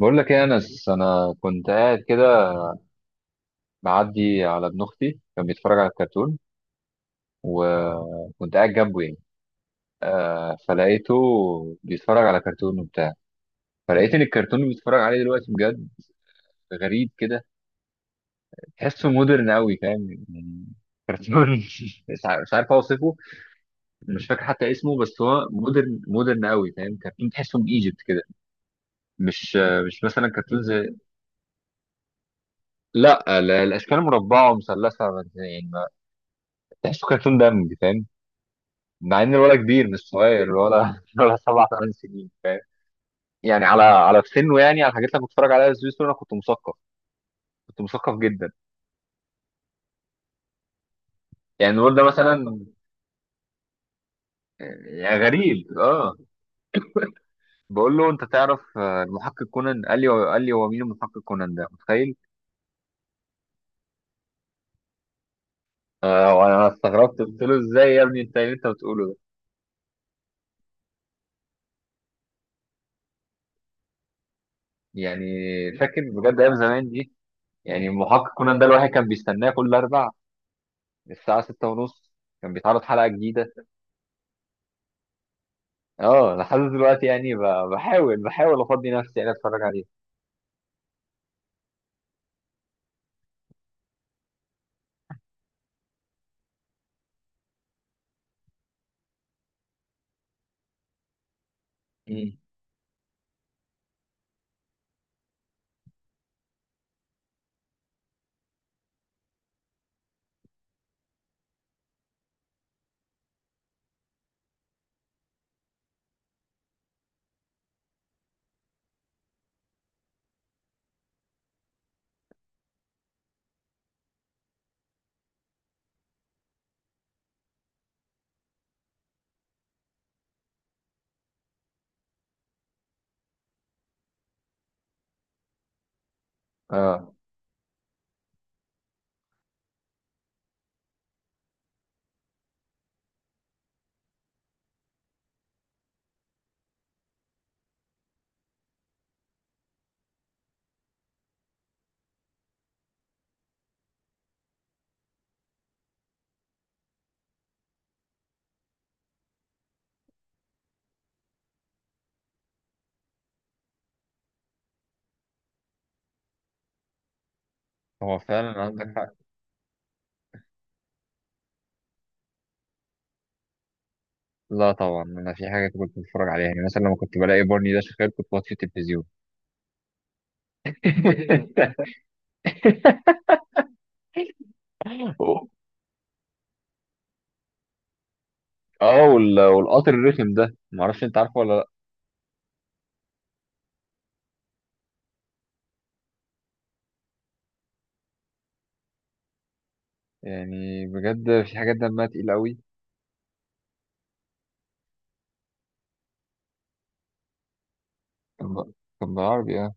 بقول لك ايه يا انس، انا كنت قاعد كده معدي على ابن اختي كان بيتفرج على الكرتون، وكنت قاعد جنبه يعني. فلقيته بيتفرج على كرتون وبتاع. فلقيت ان الكرتون اللي بيتفرج عليه دلوقتي بجد غريب كده، تحسه مودرن قوي فاهم يعني. كرتون مش عارف اوصفه. مش فاكر حتى اسمه، بس هو مودرن مودرن قوي فاهم، كرتون تحسه من ايجيبت كده. مش مش مثلا كرتون زي، لا ال- الاشكال مربعه ومثلثه، يعني ما- تحسه كرتون دمج فاهم. مع ان الولد كبير مش صغير، ولا ولا سبع ثمان سنين. يعني على على في سنه، يعني على الحاجات اللي أنا كنت بتفرج عليها سويس انا كنت مثقف، كنت مثقف جدا. يعني الولد ده مثلا يعني غريب اه. بقول له انت تعرف المحقق كونان؟ قال لي هو مين المحقق كونان ده؟ متخيل! آه وانا استغربت قلت له ازاي يا ابني، انت إيه اللي انت بتقوله ده؟ يعني فاكر بجد ايام زمان دي، يعني المحقق كونان ده الواحد كان بيستناه كل اربع الساعه 6:30، كان بيتعرض حلقه جديده. اه لحد دلوقتي يعني ب- بحاول افضي نفسي يعني اتفرج عليه. مم. اه هو فعلا عندك حق. لا طبعا انا في حاجه كنت بتفرج عليها، يعني مثلا لما كنت بلاقي بارني ده شغال كنت بطفي التلفزيون. اه وال- والقطر الرخم ده، ما اعرفش انت عارفه ولا لا؟ يعني بجد في حاجات دمها تقيل قوي. كان ب- كان بالعربي اه.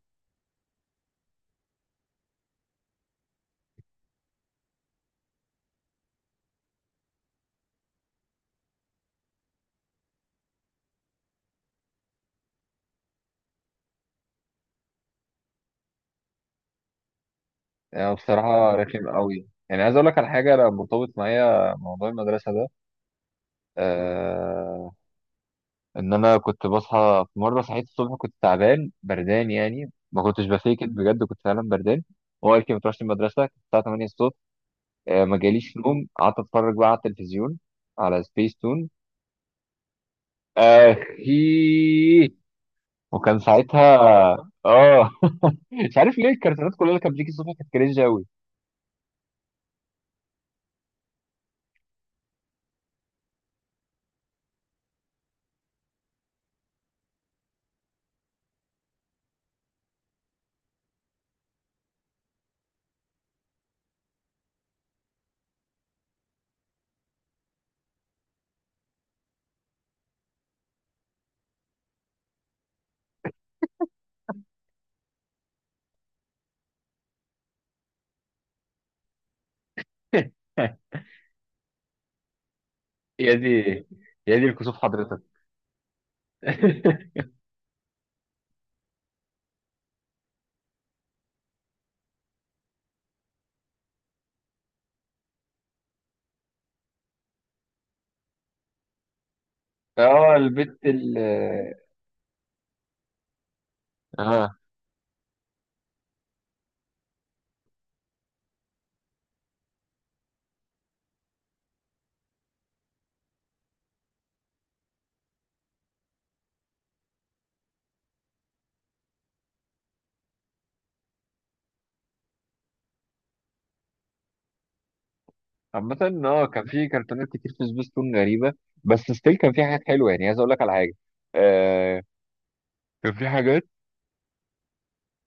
يعني بصراحه رخم قوي. يعني عايز اقول لك على حاجه، انا مرتبط معايا موضوع المدرسه ده. آه ان انا كنت بصحى في مره صحيت الصبح كنت تعبان بردان، يعني ما كنتش بفيك it بجد، كنت فعلا بردان. هو قال لي ما تروحش المدرسه، كانت الساعه 8 الصبح. آه، ما جاليش نوم، قعدت اتفرج بقى على التلفزيون، على سبيس تون اخي. وكان ساعتها اه مش عارف ليه الكرتونات كلها اللي كانت بتيجي الصبح كانت كرينج قوي. يا دي، يا دي الكسوف حضرتك. اه البت ال اه عامة. اه كان في كرتونات كتير في سبيس تون غريبة، بس ستيل كان في حاجات حلوة. يعني عايز اقول لك على حاجة، آه كان في حاجات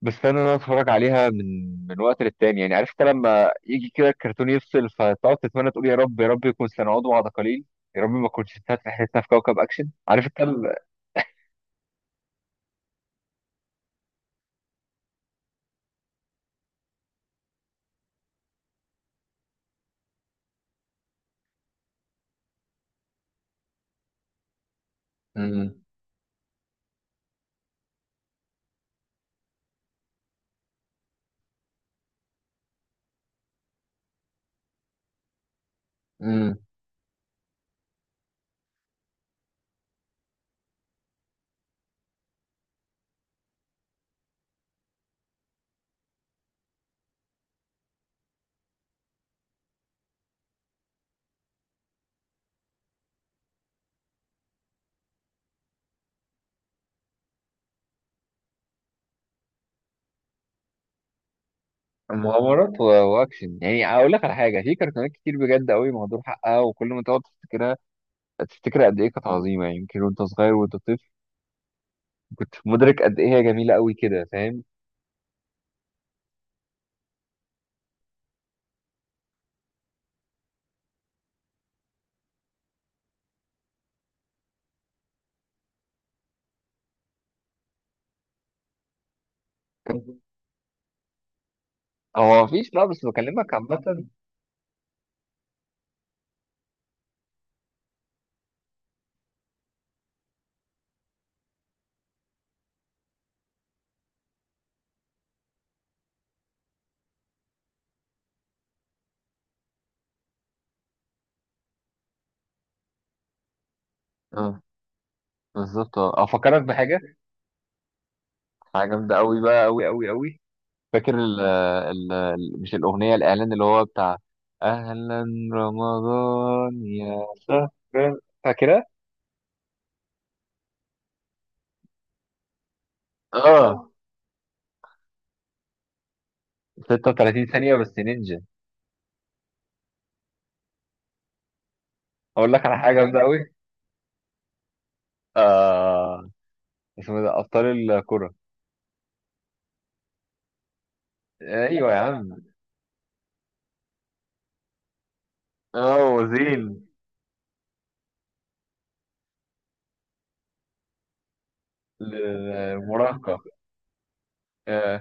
بستنى ان انا اتفرج عليها من وقت للتاني. يعني عرفت لما يجي كده الكرتون يفصل، فتقعد تتمنى تقول يا رب يا رب يكون سنعود بعد قليل، يا رب ما كنتش انتهت رحلتنا في كوكب اكشن. عارف انت ال-؟ مم. مم. مغامرات و- واكشن. يعني اقول لك على حاجة، في كرتونات كتير بجد قوي مهدور حقها، وكل ما تقعد تفتكرها تفتكر قد ايه كانت عظيمة. يعني يمكن وانت صغير وانت طفل كنت مدرك قد ايه هي جميله قوي كده فاهم. كان- هو مفيش بقى، بس بكلمك عامه. اه بالظبط. اه افكرك بحاجه، حاجه جامده قوي بقى، قوي قوي قوي. فاكر ال ال ال- مش الاغنيه، الاعلان اللي هو بتاع اهلا رمضان يا شهر؟ فاكرها؟ اه 36 ثانيه بس نينجا. اقول لك على حاجه جامده قوي. آه اسمه ده أبطال الكرة. أيوة يا عم، اه وزين. المراهقة آه.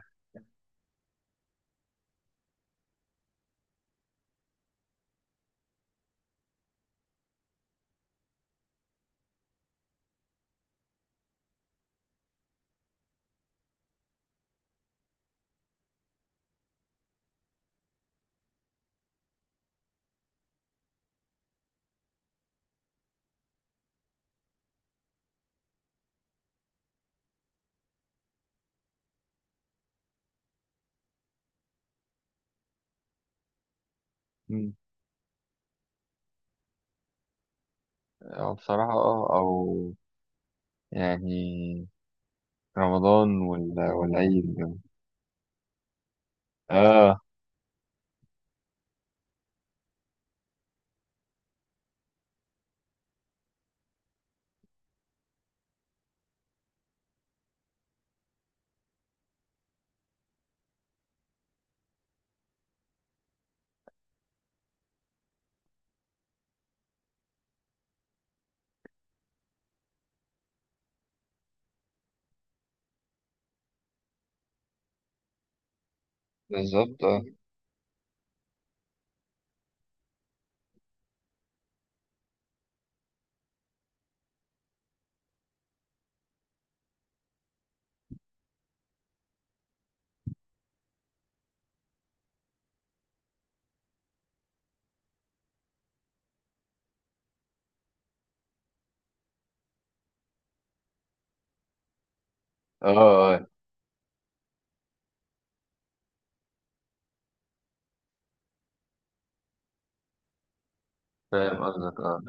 أو بصراحة اه أو يعني رمضان وال- والعيد. اه بالظبط. اه اه آه، فاهم قصدك اه.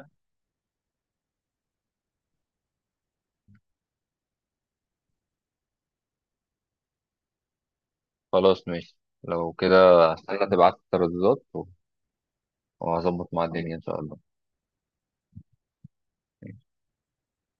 خلاص ماشي، لو كده هستنى تبعت الترددات وهظبط مع الدنيا إن شاء الله.